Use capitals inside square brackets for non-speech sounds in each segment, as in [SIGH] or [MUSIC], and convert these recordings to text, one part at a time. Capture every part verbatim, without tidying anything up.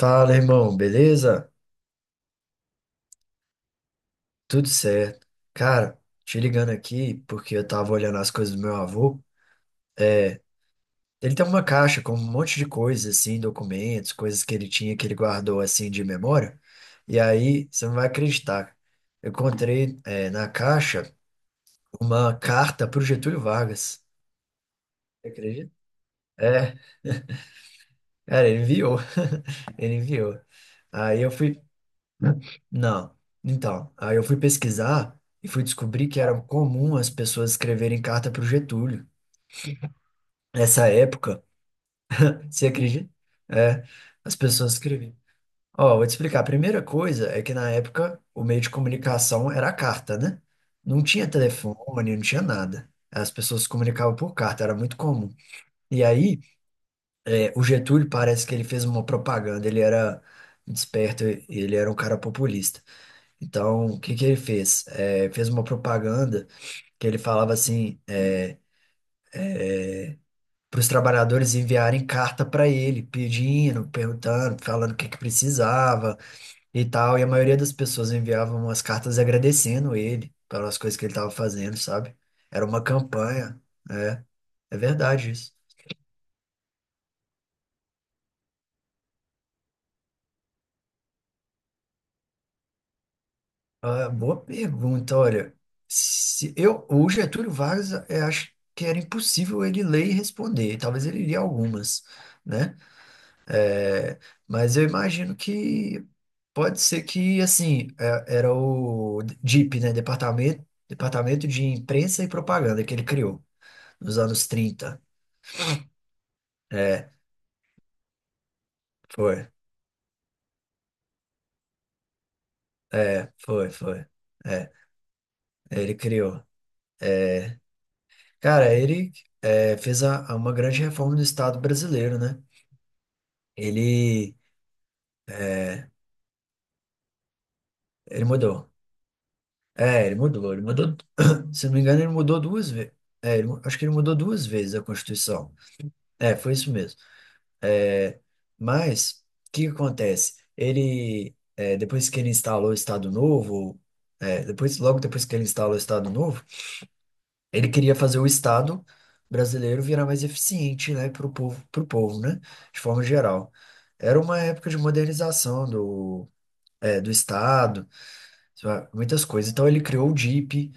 Fala, irmão, beleza? Tudo certo. Cara, te ligando aqui porque eu tava olhando as coisas do meu avô. É, ele tem uma caixa com um monte de coisas, assim, documentos, coisas que ele tinha que ele guardou, assim, de memória. E aí, você não vai acreditar. Eu encontrei, é, na caixa uma carta pro Getúlio Vargas. Você acredita? É, cara, ele enviou. [LAUGHS] Ele enviou. Aí eu fui Não. Então, aí eu fui pesquisar e fui descobrir que era comum as pessoas escreverem carta para o Getúlio. Nessa época, você acredita? É, as pessoas escreviam. Ó, vou te explicar. A primeira coisa é que na época o meio de comunicação era a carta, né? Não tinha telefone, não tinha nada. As pessoas se comunicavam por carta, era muito comum. E aí, é, o Getúlio parece que ele fez uma propaganda, ele era desperto, ele era um cara populista. Então, o que que ele fez? É, fez uma propaganda que ele falava assim, é, para os trabalhadores enviarem carta para ele, pedindo, perguntando, falando o que que precisava e tal. E a maioria das pessoas enviavam umas cartas agradecendo ele pelas coisas que ele estava fazendo, sabe? Era uma campanha. É, É verdade isso. Ah, boa pergunta, olha. Se eu, o Getúlio Vargas, eu acho que era impossível ele ler e responder. Talvez ele lia algumas, né? É, mas eu imagino que pode ser que, assim, é- era o D I P, né? Departamento, Departamento de Imprensa e Propaganda que ele criou nos anos trinta. É, foi. É, foi, foi. É, ele criou. Cara, ele é, fez a, a uma grande reforma no Estado brasileiro, né? Ele, ele mudou. É, ele mudou, ele mudou. [COUGHS] [CLEARS THROAT] Se não me engano, ele mudou duas vezes. É, ele mu- acho que ele mudou duas vezes a Constituição. É, foi isso mesmo. É, mas o que que acontece? Ele é, depois que ele instalou o Estado Novo, é, depois logo depois que ele instalou o Estado Novo, ele queria fazer o Estado brasileiro virar mais eficiente, né, para o povo, pro povo, né, de forma geral. Era uma época de modernização do é, do Estado sua- muitas coisas. Então ele criou o D I P,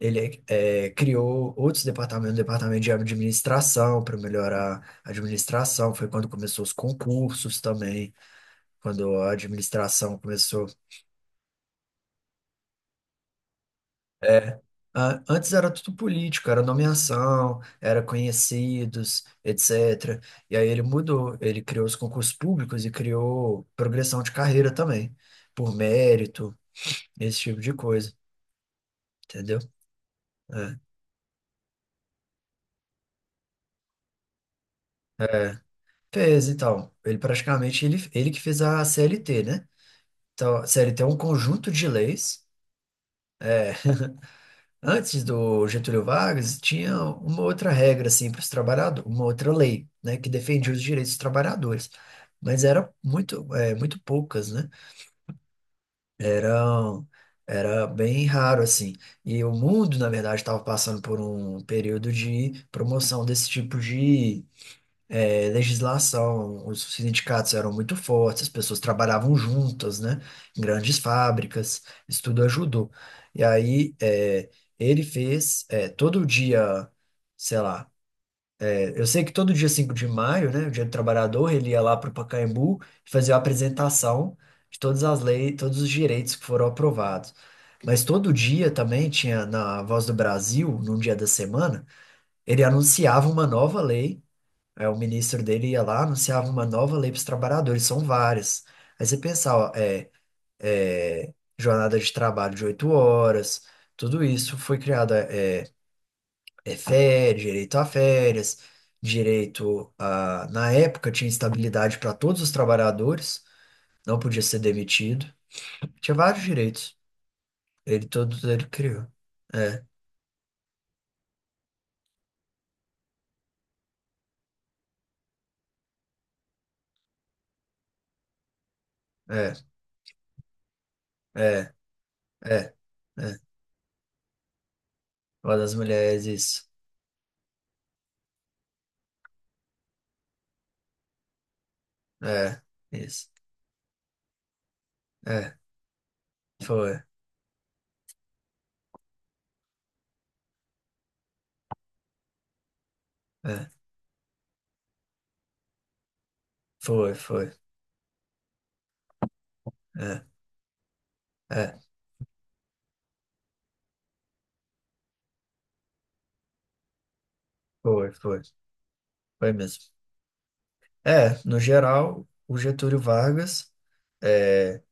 ele eh, criou outros departamentos, o departamento de administração para melhorar a administração. Foi quando começou os concursos também, quando a administração começou. É, a- antes era tudo político, era nomeação, era conhecidos, etecétera. E aí ele mudou, ele criou os concursos públicos e criou progressão de carreira também, por mérito, esse tipo de coisa, entendeu? É, é. Fez, então. Ele praticamente ele, ele que fez a C L T, né? Então, a C L T é um conjunto de leis. Antes do Getúlio Vargas, tinha uma outra regra assim para os trabalhadores, uma outra lei, né, que defendia os direitos dos trabalhadores. Mas era muito, é, muito poucas, né? Eram era bem raro assim. E o mundo, na verdade, estava passando por um período de promoção desse tipo de é, legislação, os sindicatos eram muito fortes, as pessoas trabalhavam juntas, né, em grandes fábricas, isso tudo ajudou. E aí é, ele fez é, todo dia, sei lá, é, eu sei que todo dia cinco de maio, né, o Dia do Trabalhador, ele ia lá para o Pacaembu e fazia a apresentação de todas as leis, todos os direitos que foram aprovados. Mas todo dia também tinha na Voz do Brasil, num dia da semana, ele anunciava uma nova lei é O ministro dele ia lá, anunciava uma nova lei para os trabalhadores, são várias. Aí você pensava, é, é, jornada de trabalho de oito horas, tudo isso foi criado, é, é férias, direito a férias, direito a... Na época tinha estabilidade para todos os trabalhadores, não podia ser demitido, tinha vários direitos, ele todos ele criou. É, é, é, é, é. Uma das mulheres, isso. É, isso. É, foi. É. Foi, foi. É, é, foi, foi. Foi mesmo. É, no geral, o Getúlio Vargas. É,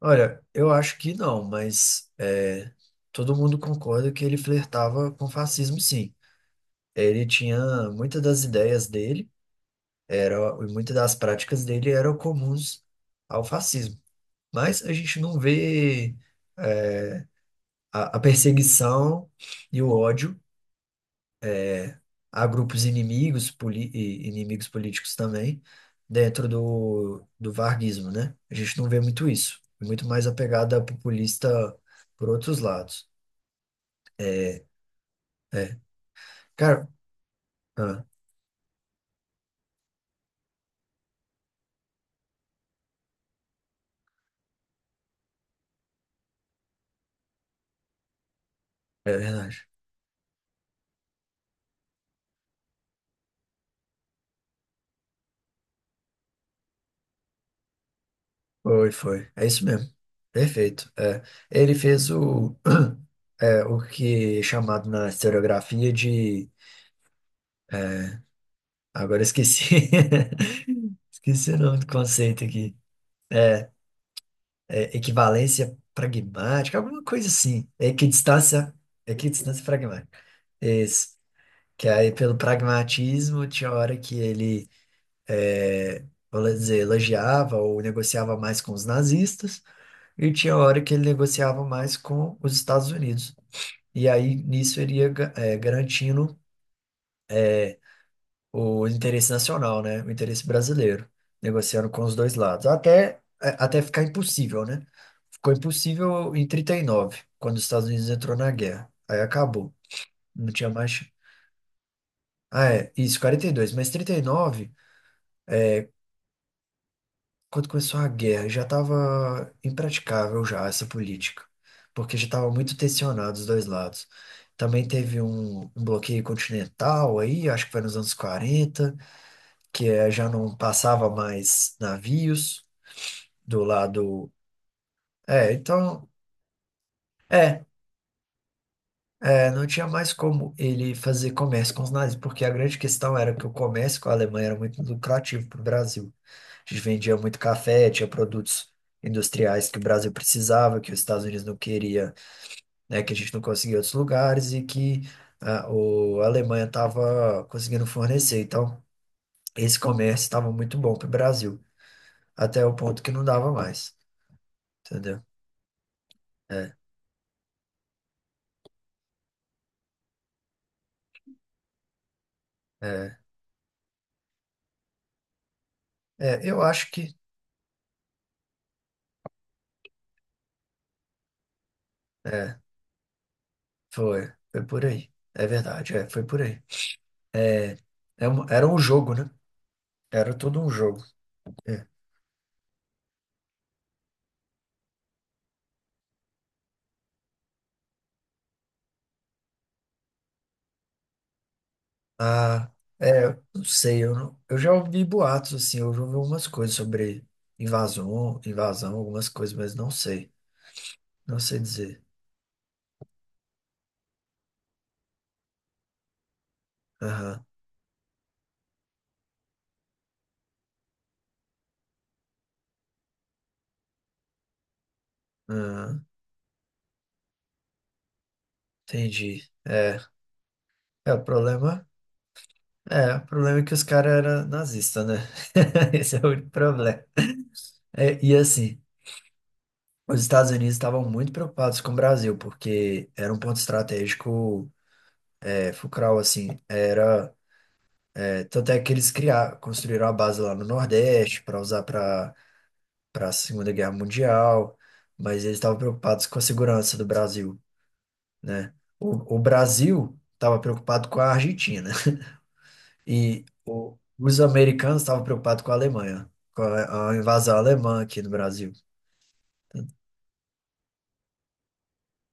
olha, eu acho que não, mas é, todo mundo concorda que ele flertava com fascismo, sim. Ele tinha muitas das ideias dele, era, e muitas das práticas dele eram comuns ao fascismo. Mas a gente não vê é, a, a perseguição e o ódio a grupos inimigos, poli- e inimigos políticos também, dentro do, do varguismo, né? A gente não vê muito isso. É muito mais a pegada populista por outros lados. É, é. Cara, ah, é verdade. Foi, foi. É isso mesmo. Perfeito. É. Ele fez o, [CLEARS THROAT] é, o que é chamado na historiografia de. Agora eu esqueci. [LAUGHS] Esqueci o nome do conceito aqui. É, equivalência pragmática, alguma coisa assim. Equidistância, equidistância pragmática. Isso. Que aí, pelo pragmatismo, tinha hora que ele, vamos dizer, elogiava ou negociava mais com os nazistas, e tinha hora que ele negociava mais com os Estados Unidos. E aí, nisso, ele ia ga- é, garantindo o interesse nacional, né? O interesse brasileiro, negociando com os dois lados, até, a- até ficar impossível, né? Ficou impossível em trinta e nove quando os Estados Unidos entrou na guerra. Aí acabou, não tinha mais. Ah, é, isso, quarenta e dois. Mas trinta e nove, quando começou a guerra, já estava impraticável já essa política, porque já estava muito tensionado os dois lados. Também teve um, um, bloqueio continental aí, acho que foi nos anos quarenta, que é, já não passava mais navios. Do lado. É, então. É, é, não tinha mais como ele fazer comércio com os nazis, porque a grande questão era que o comércio com a Alemanha era muito lucrativo para o Brasil. A gente vendia muito café, tinha produtos industriais que o Brasil precisava, que os Estados Unidos não queria, né, que a gente não conseguia em outros lugares e que ah, o, a Alemanha estava conseguindo fornecer. Então, esse comércio estava muito bom para o Brasil, até o ponto que não dava mais, entendeu? É, é, é, eu acho que. é, Foi, foi por aí. É verdade, é, foi por aí. É, é um- era um jogo, né? Era todo um jogo. É. Ah, é, eu não sei, eu, não- eu já ouvi boatos, assim, eu já ouvi algumas coisas sobre invasão, invasão, algumas coisas, mas não sei. Não sei dizer. Aham, aham, entendi. É, é, o problema. É, o problema é que os caras eram nazistas, né? [LAUGHS] Esse é o único problema. É, e assim, os Estados Unidos estavam muito preocupados com o Brasil, porque era um ponto estratégico. É, Fucral, assim, era. É, tanto é que eles criaram, construíram a base lá no Nordeste para usar para para a Segunda Guerra Mundial, mas eles estavam preocupados com a segurança do Brasil, né? O, o Brasil estava preocupado com a Argentina [LAUGHS] e o- os americanos estavam preocupados com a Alemanha, com a, a invasão alemã aqui no Brasil,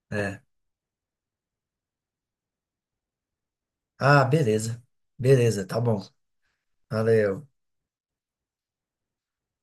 né? Ah, beleza, beleza, tá bom, valeu.